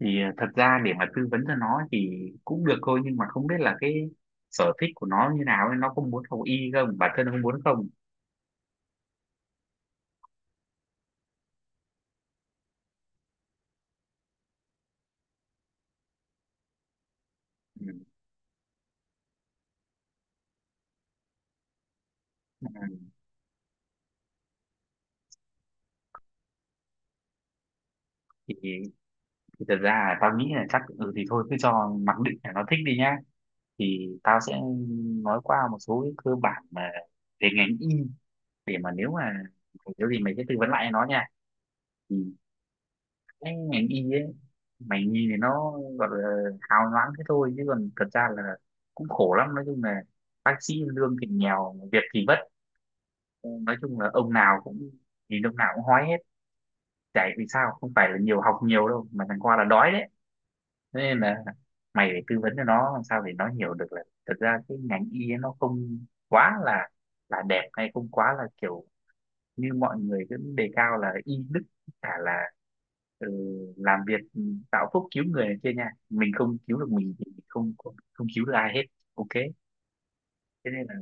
Thật ra để mà tư vấn cho nó thì cũng được thôi, nhưng mà không biết là cái sở thích của nó như nào ấy, nó có muốn học y không, bản thân nó không muốn không. Ừ. thì, thì thật ra là tao nghĩ là chắc ừ thì thôi cứ cho mặc định là nó thích đi nhá. Thì tao sẽ nói qua một số cái cơ bản mà về ngành y, để mà nếu gì mày sẽ tư vấn lại cho nó nha. Thì cái ngành y ấy, mày nhìn thì nó gọi là hào nhoáng thế thôi, chứ còn thật ra là cũng khổ lắm, nói chung là. Bác sĩ lương thì nghèo, việc thì vất. Nói chung là ông nào cũng nhìn ông nào cũng hói hết. Chảy vì sao, không phải là nhiều học nhiều đâu mà thằng qua là đói đấy. Thế nên là mày phải tư vấn cho nó làm sao để nó hiểu được là thật ra cái ngành y ấy nó không quá là đẹp, hay không quá là kiểu như mọi người cứ đề cao là y đức cả, là, ừ, làm việc, tạo phúc cứu người này kia nha. Mình không cứu được mình thì mình không không, không cứu được ai hết. OK, thế nên là,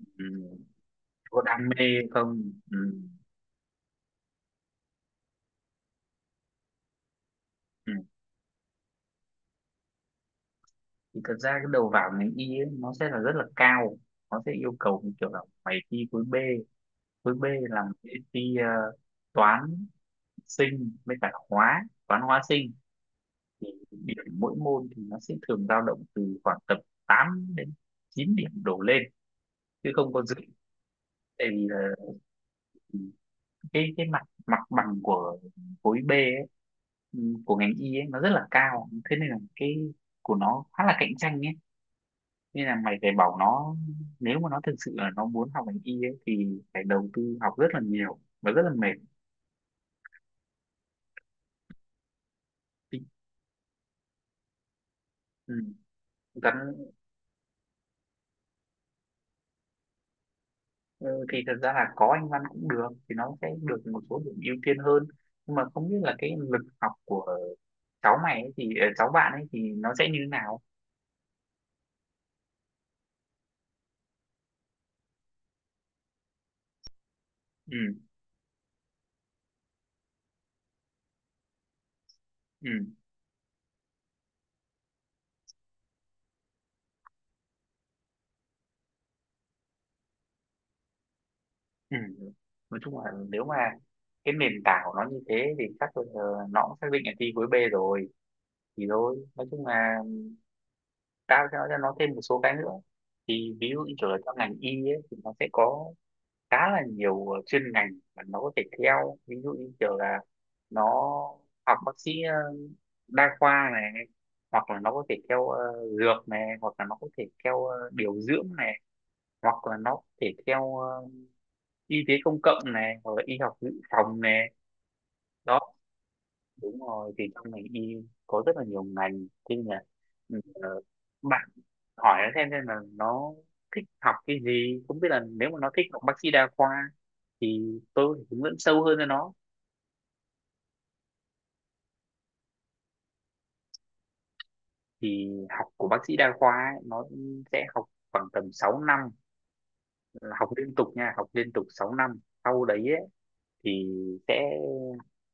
ừ, có đam mê không, ừ. Thì thật ra cái đầu vào ngành y ấy, nó sẽ là rất là cao. Nó sẽ yêu cầu như kiểu là mày thi khối B. Khối B là mày sẽ thi toán, sinh với cả hóa, toán hóa sinh. Thì điểm mỗi môn thì nó sẽ thường dao động từ khoảng tầm 8 đến 9 điểm đổ lên, chứ không có dưới. Tại vì là cái mặt mặt bằng của khối B ấy, ừ, của ngành y ấy, nó rất là cao, thế nên là cái của nó khá là cạnh tranh ấy. Nên là mày phải bảo nó, nếu mà nó thực sự là nó muốn học ngành y ấy, thì phải đầu tư học rất là nhiều và rất là mệt. Thì, ừ. Gắn, ừ, thì thật ra là có anh văn cũng được, thì nó sẽ được một số điểm ưu tiên hơn. Nhưng mà không biết là cái lực học của cháu mày ấy thì cháu bạn ấy thì nó sẽ như thế nào. Ừ. Ừ. Ừ. Nói chung là nếu mà cái nền tảng của nó như thế thì chắc là nó cũng xác định là thi khối B rồi. Thì thôi nói chung là, cao cho nó, cho nó thêm một số cái nữa. Thì ví dụ như kiểu là trong ngành y ấy, thì nó sẽ có khá là nhiều chuyên ngành mà nó có thể theo. Ví dụ như kiểu là nó học bác sĩ đa khoa này, hoặc là nó có thể theo dược này, hoặc là nó có thể theo điều dưỡng này, hoặc là nó có thể theo y tế công cộng này, hoặc là y học dự phòng này. Đó. Đúng rồi, thì trong ngành y có rất là nhiều ngành, thế nhưng mà, ừ, ờ, bạn hỏi nó xem là nó thích học cái gì. Không biết là nếu mà nó thích học bác sĩ đa khoa thì tôi hướng dẫn sâu hơn cho nó. Thì học của bác sĩ đa khoa ấy, nó sẽ học khoảng tầm 6 năm, là học liên tục nha, học liên tục 6 năm. Sau đấy ấy, thì sẽ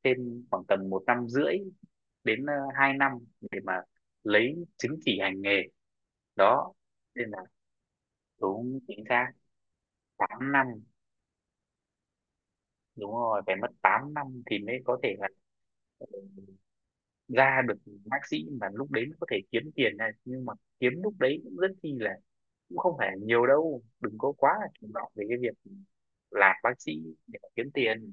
thêm khoảng tầm 1 năm rưỡi đến 2 năm để mà lấy chứng chỉ hành nghề. Đó, nên là, đúng chính xác 8 năm, đúng rồi, phải mất 8 năm thì mới có thể là ra được bác sĩ. Mà lúc đấy nó có thể kiếm tiền này, nhưng mà kiếm lúc đấy cũng rất chi là, cũng không phải nhiều đâu, đừng có quá là chủ động về cái việc làm bác sĩ để mà kiếm tiền.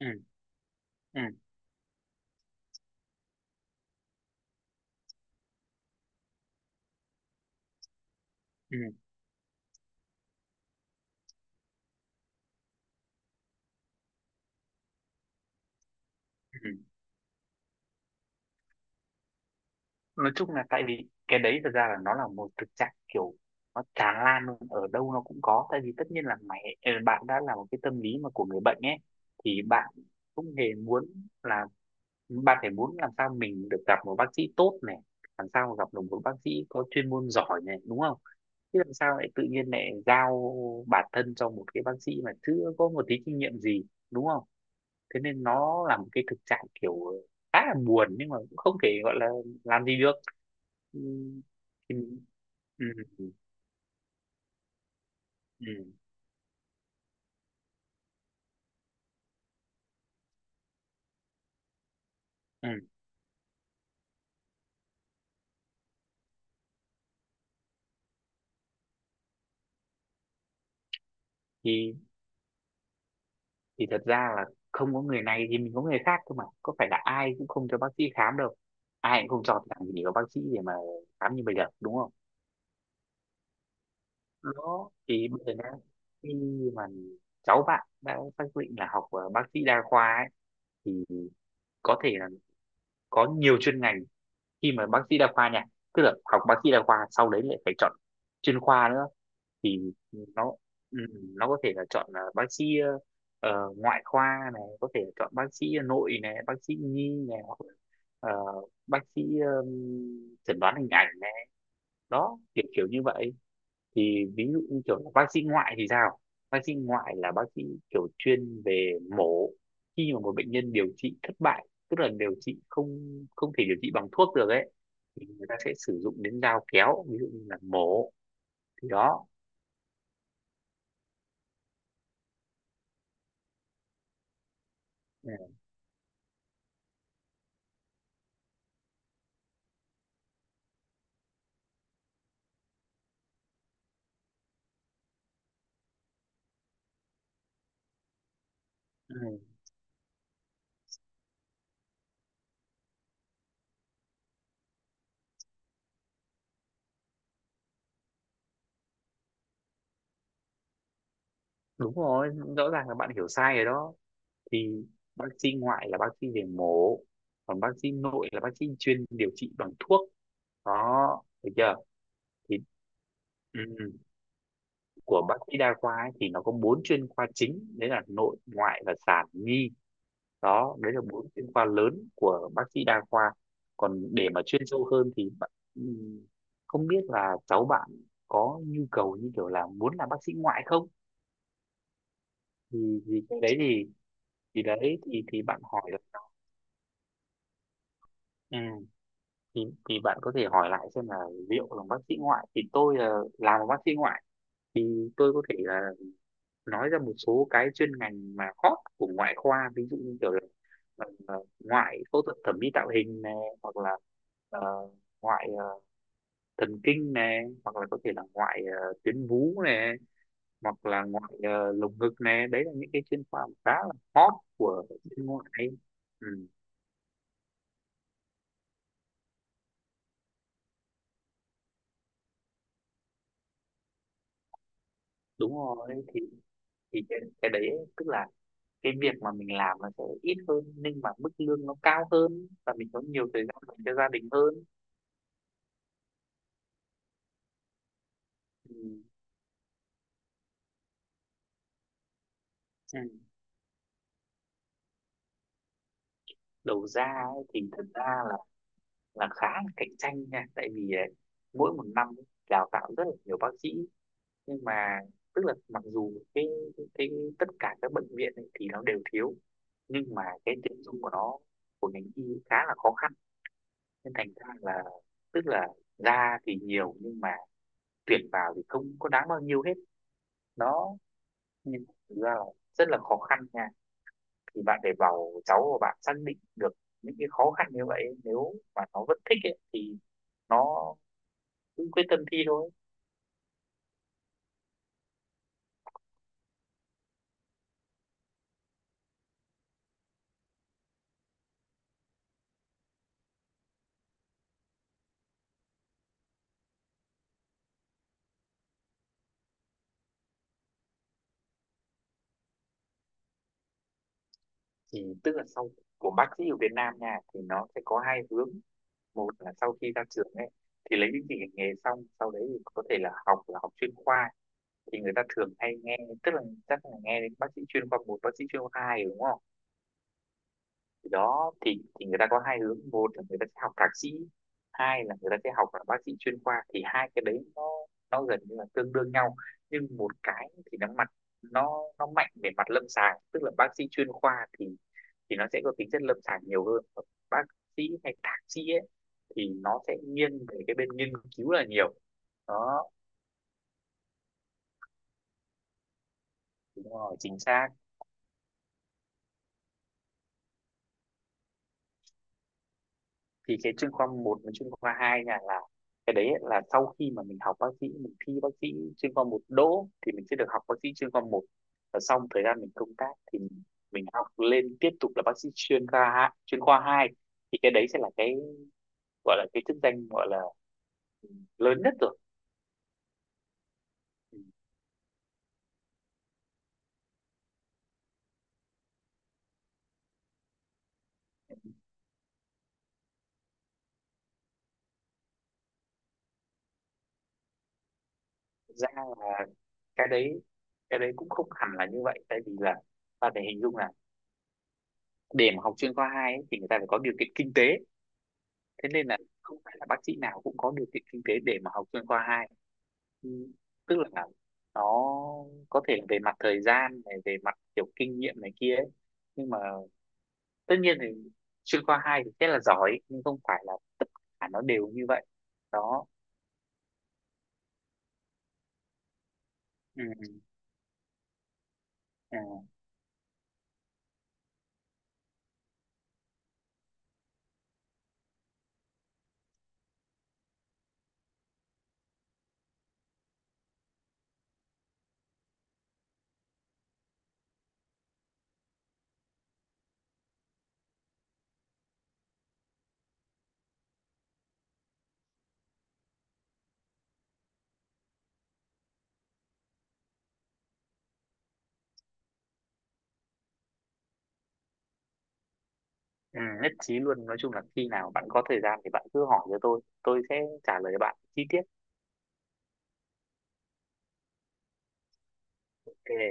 Ừ, ừ, ừ, ừ. Nói chung là tại vì cái đấy thật ra là nó là một thực trạng kiểu nó tràn lan luôn, ở đâu nó cũng có. Tại vì tất nhiên là mày, bạn, đã là một cái tâm lý mà của người bệnh ấy, thì bạn không hề muốn là, bạn phải muốn làm sao mình được gặp một bác sĩ tốt này, làm sao gặp được một bác sĩ có chuyên môn giỏi này, đúng không. Thế làm sao lại tự nhiên lại giao bản thân cho một cái bác sĩ mà chưa có một tí kinh nghiệm gì, đúng không? Thế nên nó là một cái thực trạng kiểu khá là buồn, nhưng mà cũng không thể gọi là làm gì được. Ừ, thì, ừ, ừ, ừ, ừ. Thì, thì thật ra là không có người này thì mình có người khác thôi mà. Có phải là ai cũng không cho bác sĩ khám đâu. Ai cũng không cho, làm gì có bác sĩ để mà khám như bây giờ đúng không? Nó thì bây giờ đang, khi mà cháu bạn đã xác định là học bác sĩ đa khoa ấy, thì có thể là có nhiều chuyên ngành khi mà bác sĩ đa khoa nha. Tức là học bác sĩ đa khoa sau đấy lại phải chọn chuyên khoa nữa. Thì nó ừ, nó có thể là chọn là bác sĩ ngoại khoa này, có thể là chọn bác sĩ nội này, bác sĩ nhi này, hoặc là ờ, bác sĩ chẩn đoán hình ảnh này. Đó, kiểu kiểu như vậy. Thì ví dụ như kiểu là bác sĩ ngoại thì sao. Bác sĩ ngoại là bác sĩ kiểu chuyên về mổ, khi mà một bệnh nhân điều trị thất bại, tức là điều trị không không thể điều trị bằng thuốc được ấy, thì người ta sẽ sử dụng đến dao kéo, ví dụ như là mổ. Thì đó. Ừ. Ừ, đúng rồi, rõ ràng là bạn hiểu sai rồi đó. Thì bác sĩ ngoại là bác sĩ về mổ, còn bác sĩ nội là bác sĩ chuyên điều trị bằng thuốc. Đó, được chưa. Thì ừ. của bác sĩ đa khoa ấy, thì nó có bốn chuyên khoa chính, đấy là nội, ngoại và sản nhi. Đó, đấy là bốn chuyên khoa lớn của bác sĩ đa khoa. Còn để mà chuyên sâu hơn thì ừm, không biết là cháu bạn có nhu cầu như kiểu là muốn làm bác sĩ ngoại không. Thì cái đấy thì bạn hỏi là, ừ, thì thì bạn có thể hỏi lại xem là liệu làm bác sĩ ngoại, thì tôi là làm bác sĩ ngoại thì tôi có thể là nói ra một số cái chuyên ngành mà hot của ngoại khoa. Ví dụ như kiểu là ngoại phẫu thuật thẩm mỹ tạo hình này, hoặc là ờ, ngoại thần kinh này, hoặc là có thể là ngoại tuyến vú này, hoặc là ngoại lồng ngực này. Đấy là những cái chuyên khoa mà khá là hot của bên ngoại. Ừ, đúng rồi, thì thì cái đấy tức là cái việc mà mình làm nó sẽ ít hơn, nhưng mà mức lương nó cao hơn, và mình có nhiều thời gian dành cho gia đình hơn. Ừ. Ừ. Đầu ra ấy, thì thật ra là khá là cạnh tranh nha, tại vì ấy, mỗi một năm ấy, đào tạo rất là nhiều bác sĩ. Nhưng mà tức là mặc dù cái tất cả các bệnh viện ấy, thì nó đều thiếu, nhưng mà cái tuyển dụng của nó, của ngành y khá là khó khăn. Nên thành ra là, tức là ra thì nhiều nhưng mà tuyển vào thì không có đáng bao nhiêu hết. Nó nhưng thực ra là rất là khó khăn nha. Thì bạn phải bảo cháu của bạn xác định được những cái khó khăn như vậy, nếu mà nó vẫn thích ấy, thì nó cứ quyết tâm thi thôi. Thì tức là sau của bác sĩ ở Việt Nam nha, thì nó sẽ có hai hướng. Một là sau khi ra trường ấy thì lấy chứng chỉ hành nghề xong, sau đấy thì có thể là học, là học chuyên khoa. Thì người ta thường hay nghe, tức là chắc là nghe đến bác sĩ chuyên khoa một, bác sĩ chuyên khoa hai, đúng không. Thì đó, thì người ta có hai hướng, một là người ta sẽ học thạc sĩ, hai là người ta sẽ học là bác sĩ chuyên khoa. Thì hai cái đấy nó gần như là tương đương nhau. Nhưng một cái thì nó mạnh về mặt lâm sàng, tức là bác sĩ chuyên khoa thì nó sẽ có tính chất lâm sàng nhiều hơn. Còn bác sĩ hay thạc sĩ ấy thì nó sẽ nghiêng về cái bên nghiên cứu là nhiều. Đó. Đúng rồi chính xác. Thì cái chuyên khoa một và chuyên khoa 2 nha, là cái đấy là sau khi mà mình học bác sĩ, mình thi bác sĩ chuyên khoa một đỗ thì mình sẽ được học bác sĩ chuyên khoa một. Và xong thời gian mình công tác thì mình học lên tiếp tục là bác sĩ chuyên khoa hai. Thì cái đấy sẽ là cái gọi là cái chức danh gọi là ừ, lớn nhất rồi. Ừ, thực ra là cái đấy cái đấy cũng không hẳn là như vậy, tại vì là, ta phải hình dung là để mà học chuyên khoa 2 ấy, thì người ta phải có điều kiện kinh tế. Thế nên là không phải là bác sĩ nào cũng có điều kiện kinh tế để mà học chuyên khoa hai. Ừ, tức là nó có thể về mặt thời gian này, về mặt kiểu kinh nghiệm này kia ấy. Nhưng mà tất nhiên thì chuyên khoa 2 thì rất là giỏi nhưng không phải là tất cả nó đều như vậy. Đó. Ừ, ừ, ừ, nhất trí luôn. Nói chung là khi nào bạn có thời gian thì bạn cứ hỏi cho tôi sẽ trả lời bạn chi tiết. OK.